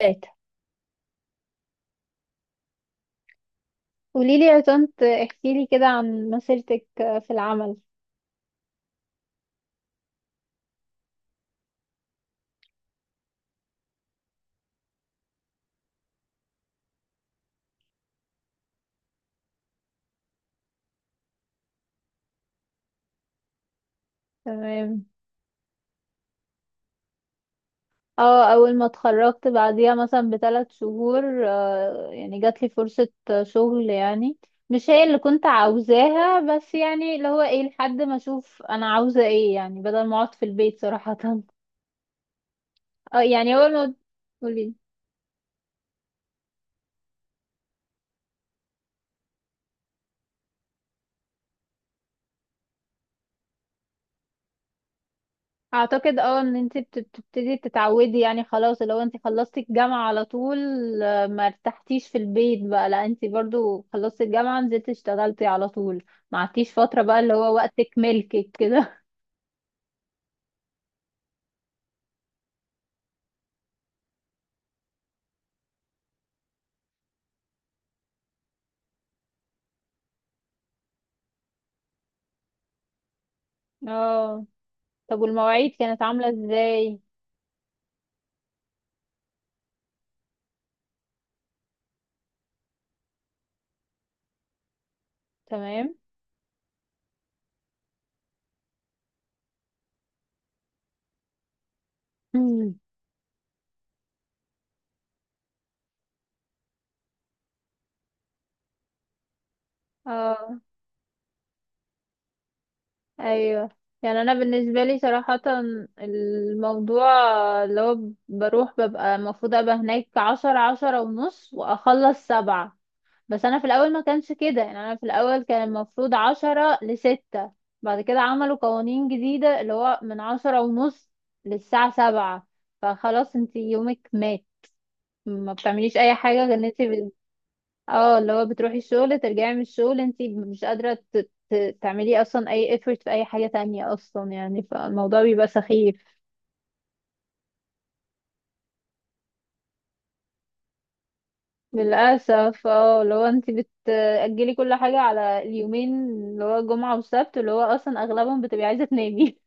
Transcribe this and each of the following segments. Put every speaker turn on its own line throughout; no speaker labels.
ثلاثة. قوليلي يا طنط، احكيلي كده عن مسيرتك في العمل. تمام. اه، اول ما اتخرجت بعديها مثلا بـ3 شهور، يعني جاتلي فرصة شغل يعني. مش هي اللي كنت عاوزاها، بس يعني اللي هو ايه، لحد ما اشوف انا عاوزة ايه، يعني بدل ما اقعد في البيت صراحة. اه، يعني اول ما... قولي. اعتقد ان انت بتبتدي تتعودي يعني. خلاص، لو انت خلصتي الجامعة على طول، ما ارتحتيش في البيت بقى، لا انت برضو خلصتي الجامعة نزلتي اشتغلتي على طول، ما عدتيش فترة بقى اللي هو وقتك ملكك كده. اه. طب والمواعيد كانت عاملة ازاي؟ تمام. مم. اه. ايوه، يعني انا بالنسبة لي صراحة، الموضوع اللي هو بروح ببقى المفروض ابقى هناك 10، 10:30 واخلص 7. بس انا في الاول ما كانش كده، يعني انا في الاول كان المفروض 10 لـ6، بعد كده عملوا قوانين جديدة اللي هو من 10:30 للساعة 7. فخلاص انت يومك مات، ما بتعمليش اي حاجة غير ان انت اللي هو بتروحي الشغل ترجعي من الشغل، انت مش قادرة تعملي اصلا اي effort في اي حاجة تانية اصلا يعني، فالموضوع بيبقى سخيف. للأسف اللي هو انت بتأجلي كل حاجة على اليومين اللي هو جمعة وسبت، اللي هو اصلا اغلبهم بتبقي عايزة تنامي.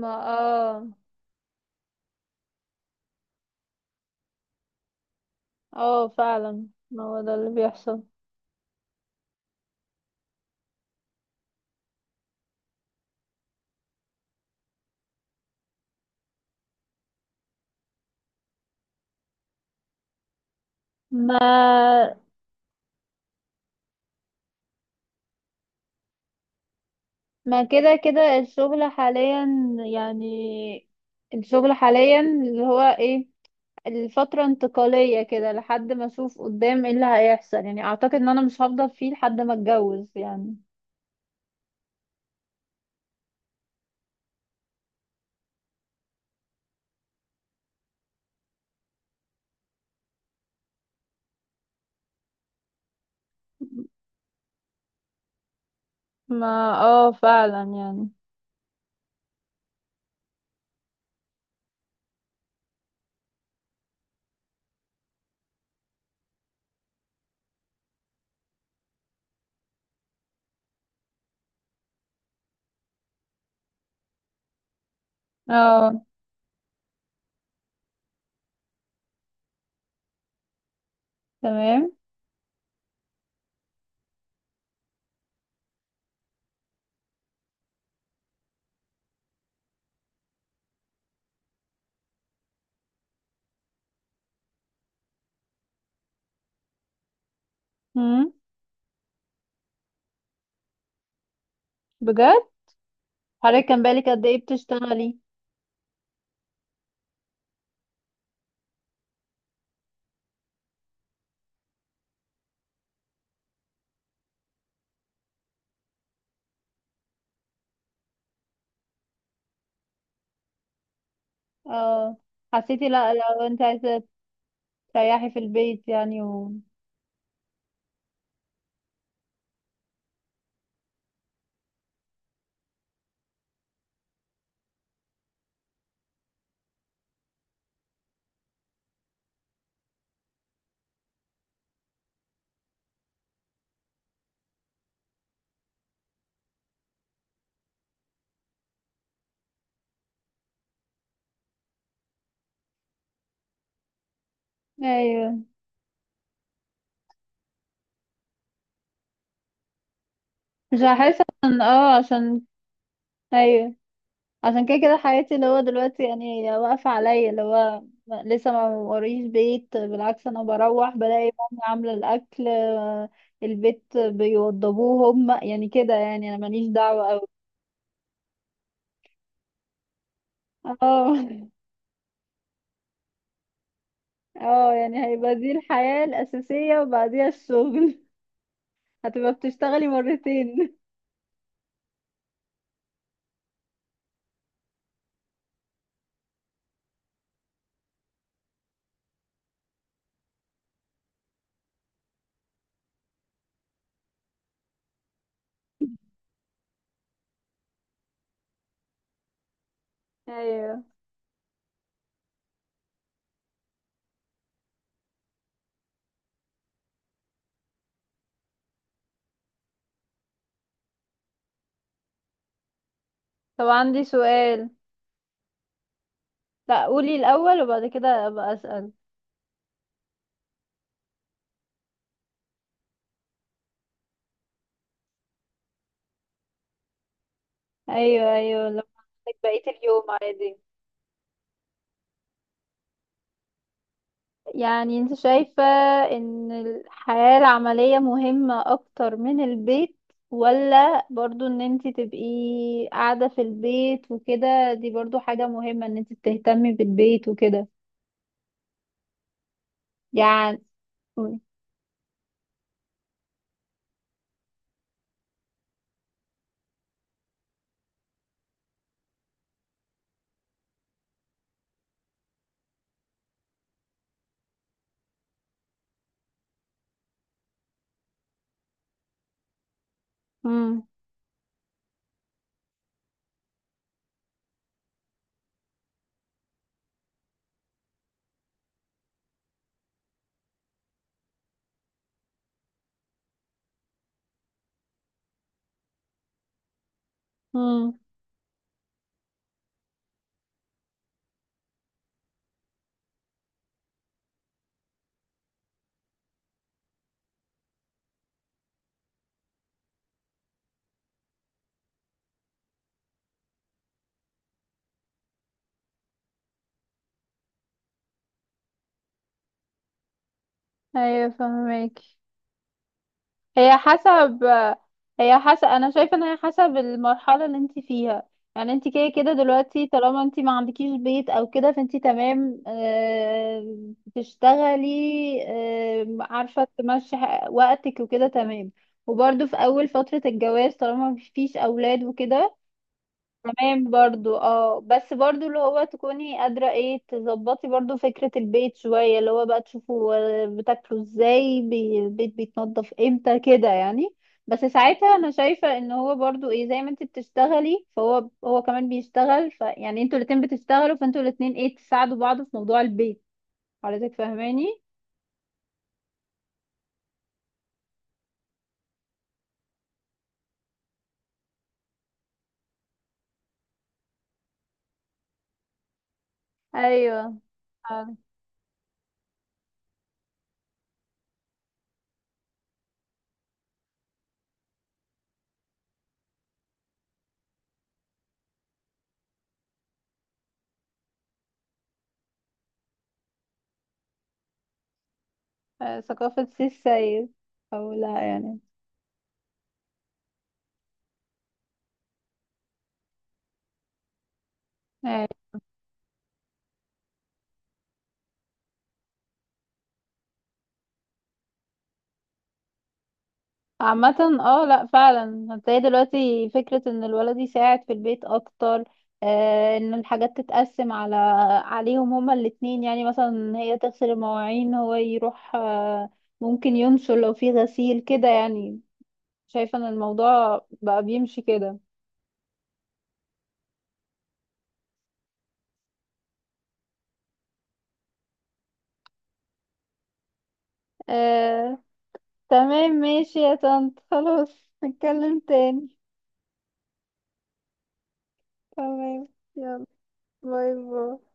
ما اه، اه، فعلا، ما هو ده اللي بيحصل. ما ما كده كده الشغل حاليا يعني. الشغل حاليا اللي هو ايه، الفترة انتقالية كده لحد ما اشوف قدام ايه اللي هيحصل يعني. اعتقد ان انا مش هفضل فيه لحد ما اتجوز يعني. ما اه، فعلا يعني. اه. تمام. امم بجد؟ حضرتك كان بالك قد ايه بتشتغلي؟ اه. حسيتي، لا، لو انت عايزة تريحي في البيت يعني؟ ايوه، مش هحس عشان عشان، ايوه، عشان كده كده حياتي اللي هو دلوقتي يعني واقفة عليا، اللي هو لسه ما وريش بيت. بالعكس انا بروح بلاقي مامي عاملة الاكل، البيت بيوضبوه هم. يعني كده يعني انا ماليش دعوة اوي. اه، اه، يعني هيبقى دي الحياة الأساسية وبعديها الشغل. هتبقى بتشتغلي مرتين. ايوه. طب عندي سؤال. لا قولي الأول وبعد كده ابقى أسأل. ايوه، ايوه، لما عندك بقية اليوم عادي. يعني انت شايفة ان الحياة العملية مهمة اكتر من البيت، ولا برضو ان انت تبقي قاعدة في البيت وكده دي برضو حاجة مهمة ان انت تهتمي بالبيت وكده يعني؟ امم امم ايوه، فهمك. هي حسب هي حسب انا شايفه ان هي حسب المرحله اللي انت فيها. يعني انت كده كده دلوقتي طالما انت ما عندكيش بيت او كده فانت تمام، بتشتغلي، عارفه تمشي وقتك وكده تمام. وبرده في اول فتره الجواز طالما مفيش اولاد وكده تمام برضو. اه، بس برضو اللي هو تكوني قادرة ايه تظبطي برضو فكرة البيت شوية، اللي هو بقى تشوفوا بتاكلوا ازاي، البيت بيتنضف امتى كده يعني. بس ساعتها انا شايفة ان هو برضو ايه زي ما انت بتشتغلي فهو هو كمان بيشتغل، فيعني انتوا الاتنين بتشتغلوا، فانتوا الاتنين ايه تساعدوا بعض في موضوع البيت. حضرتك فاهماني؟ ايوه. آه، ثقافة سي السيد او لا يعني؟ آه. عامة اه، لا، فعلا هتلاقي دلوقتي فكرة ان الولد يساعد في البيت اكتر، ان الحاجات تتقسم عليهم هما الاتنين. يعني مثلا هي تغسل المواعين، هو يروح ممكن ينشر لو في غسيل كده يعني. شايفة ان الموضوع بقى بيمشي كده. آه. تمام، ماشي يا طنط، خلاص نتكلم تاني. تمام. يلا باي باي.